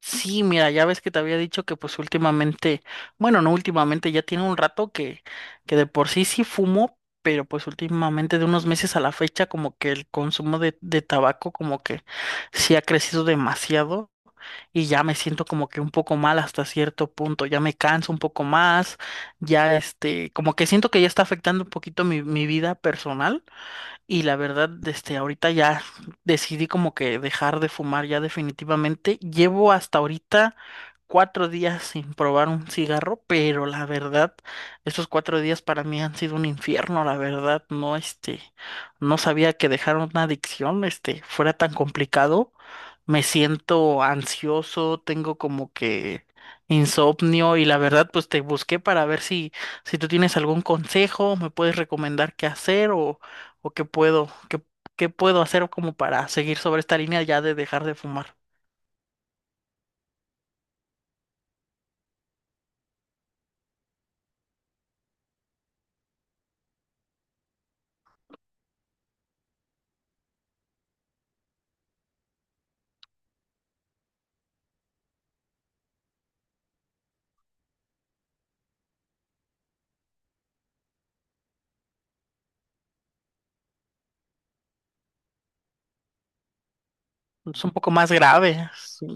Sí, mira, ya ves que te había dicho que pues últimamente, bueno, no últimamente, ya tiene un rato que de por sí sí fumo, pero pues últimamente de unos meses a la fecha como que el consumo de tabaco como que sí ha crecido demasiado y ya me siento como que un poco mal hasta cierto punto, ya me canso un poco más, ya como que siento que ya está afectando un poquito mi vida personal. Y la verdad, ahorita ya decidí como que dejar de fumar ya definitivamente. Llevo hasta ahorita 4 días sin probar un cigarro, pero la verdad, estos 4 días para mí han sido un infierno, la verdad, no, no sabía que dejar una adicción, fuera tan complicado. Me siento ansioso, tengo como que insomnio y la verdad, pues te busqué para ver si tú tienes algún consejo, me puedes recomendar qué hacer o qué puedo hacer como para seguir sobre esta línea ya de dejar de fumar. Es un poco más grave, sí.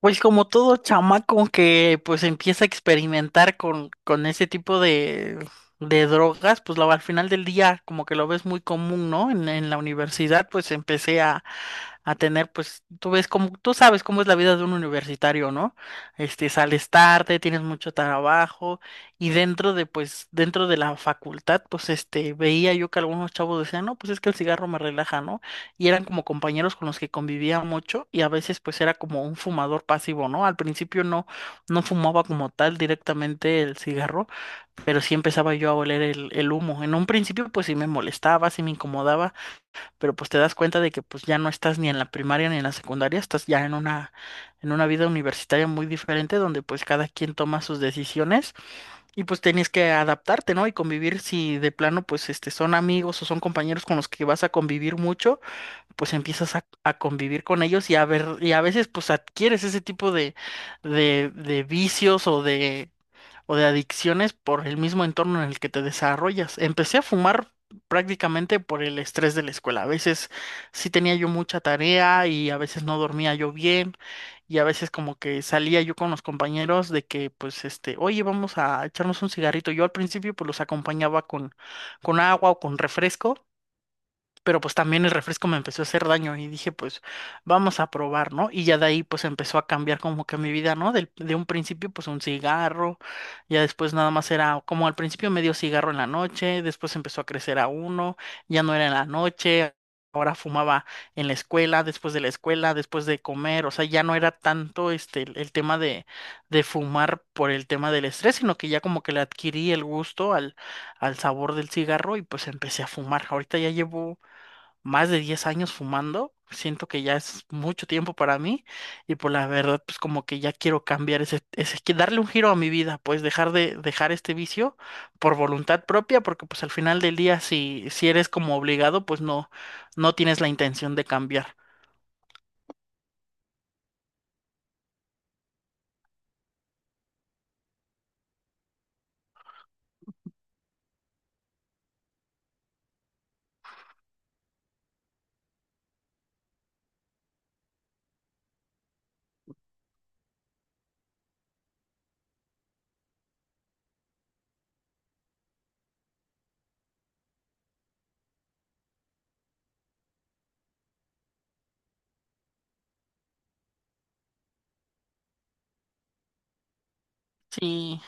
Pues como todo chamaco que pues empieza a experimentar con ese tipo de drogas, pues al final del día como que lo ves muy común, ¿no? En la universidad pues empecé a tener pues tú ves como tú sabes cómo es la vida de un universitario, ¿no? Sales tarde, tienes mucho trabajo y dentro de la facultad pues veía yo que algunos chavos decían, "No, pues es que el cigarro me relaja, ¿no? y eran como compañeros con los que convivía mucho y a veces pues era como un fumador pasivo, ¿no? Al principio no, no fumaba como tal directamente el cigarro, pero sí empezaba yo a oler el humo. En un principio pues sí me molestaba, sí me incomodaba, pero pues te das cuenta de que pues ya no estás ni en la primaria ni en la secundaria, estás ya en en una vida universitaria muy diferente donde pues cada quien toma sus decisiones y pues tienes que adaptarte, ¿no? Y convivir si de plano pues son amigos o son compañeros con los que vas a convivir mucho pues empiezas a convivir con ellos y a ver, y a veces pues adquieres ese tipo de vicios o de adicciones por el mismo entorno en el que te desarrollas. Empecé a fumar prácticamente por el estrés de la escuela. A veces sí tenía yo mucha tarea y a veces no dormía yo bien y a veces como que salía yo con los compañeros de que pues oye, vamos a echarnos un cigarrito. Yo al principio pues los acompañaba con agua o con refresco pero pues también el refresco me empezó a hacer daño y dije, pues vamos a probar, ¿no? Y ya de ahí pues empezó a cambiar como que mi vida, ¿no? De un principio pues un cigarro, ya después nada más era como al principio medio cigarro en la noche, después empezó a crecer a uno, ya no era en la noche. Ahora fumaba en la escuela, después de la escuela, después de comer, o sea, ya no era tanto el tema de fumar por el tema del estrés, sino que ya como que le adquirí el gusto al sabor del cigarro y pues empecé a fumar. Ahorita ya llevo más de 10 años fumando. Siento que ya es mucho tiempo para mí y por la verdad, pues como que ya quiero cambiar que darle un giro a mi vida, pues dejar este vicio por voluntad propia, porque pues al final del día si eres como obligado, pues no tienes la intención de cambiar. Sí.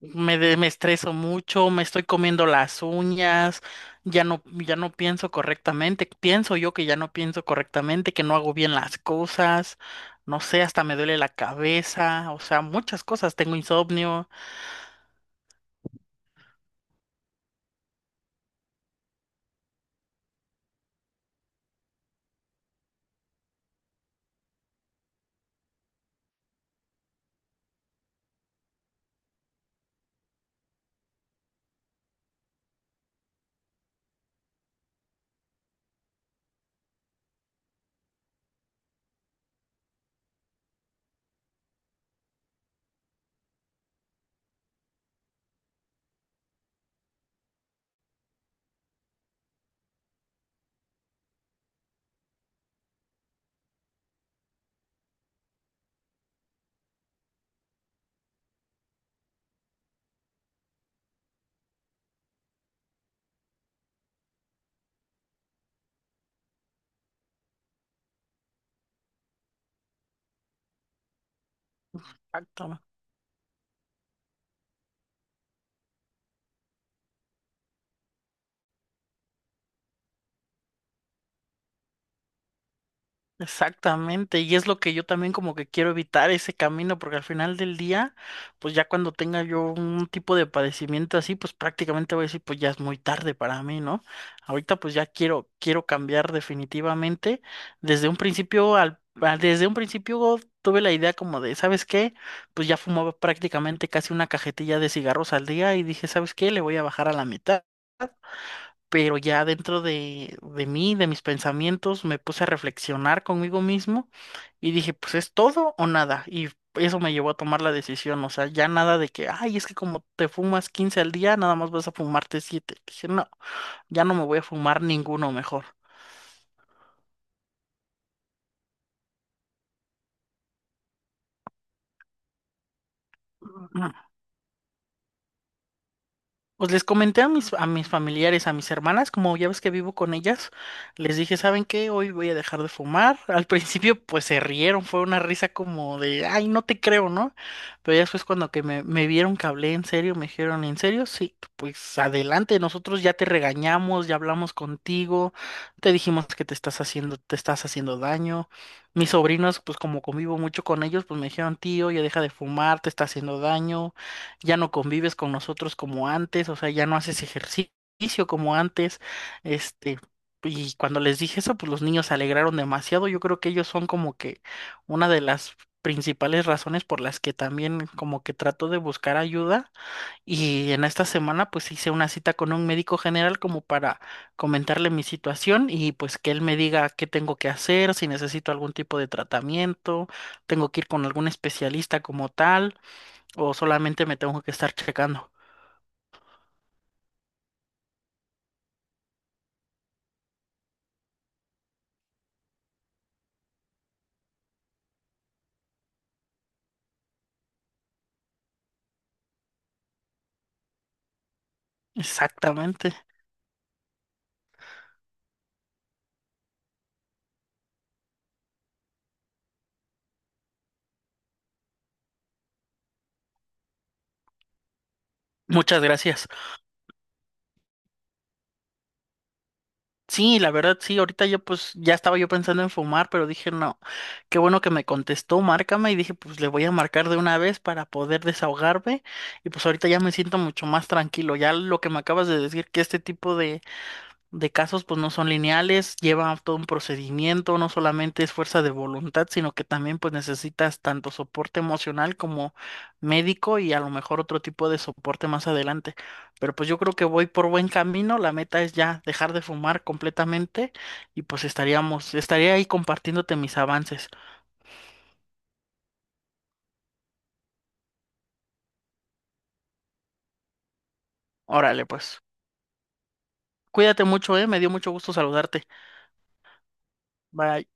Me estreso mucho, me estoy comiendo las uñas, ya no, ya no, pienso correctamente, pienso yo que ya no pienso correctamente, que no hago bien las cosas, no sé, hasta me duele la cabeza, o sea, muchas cosas, tengo insomnio. Exactamente, y es lo que yo también como que quiero evitar ese camino, porque al final del día, pues ya cuando tenga yo un tipo de padecimiento así, pues prácticamente voy a decir, pues ya es muy tarde para mí, ¿no? Ahorita pues ya quiero cambiar definitivamente. Desde un principio tuve la idea como de, ¿sabes qué? Pues ya fumaba prácticamente casi una cajetilla de cigarros al día y dije, ¿sabes qué? Le voy a bajar a la mitad pero ya dentro de mí, de mis pensamientos, me puse a reflexionar conmigo mismo y dije, pues es todo o nada. Y eso me llevó a tomar la decisión, o sea, ya nada de que, ay, es que como te fumas 15 al día, nada más vas a fumarte siete. Dije, no, ya no me voy a fumar ninguno mejor. Pues les comenté a mis familiares, a mis hermanas, como ya ves que vivo con ellas, les dije, ¿saben qué? Hoy voy a dejar de fumar. Al principio pues se rieron, fue una risa como de, ay, no te creo, ¿no? Pero ya después cuando que me vieron que hablé en serio, me dijeron, ¿en serio? Sí, pues adelante, nosotros ya te regañamos, ya hablamos contigo, te dijimos que te estás haciendo daño. Mis sobrinos, pues como convivo mucho con ellos, pues me dijeron, tío, ya deja de fumar, te está haciendo daño ya no convives con nosotros como antes, o sea, ya no haces ejercicio como antes, este, y cuando les dije eso, pues los niños se alegraron demasiado, yo creo que ellos son como que una de las principales razones por las que también como que trato de buscar ayuda y en esta semana pues hice una cita con un médico general como para comentarle mi situación y pues que él me diga qué tengo que hacer, si necesito algún tipo de tratamiento, tengo que ir con algún especialista como tal o solamente me tengo que estar checando. Exactamente. Muchas gracias. Sí, la verdad, sí, ahorita yo pues ya estaba yo pensando en fumar, pero dije, no, qué bueno que me contestó, márcame y dije, pues le voy a marcar de una vez para poder desahogarme y pues ahorita ya me siento mucho más tranquilo. Ya lo que me acabas de decir, que este tipo de casos, pues no son lineales, lleva todo un procedimiento, no solamente es fuerza de voluntad, sino que también pues necesitas tanto soporte emocional como médico y a lo mejor otro tipo de soporte más adelante. Pero pues yo creo que voy por buen camino, la meta es ya dejar de fumar completamente y pues estaría ahí compartiéndote mis avances. Órale, pues. Cuídate mucho, me dio mucho gusto saludarte. Bye.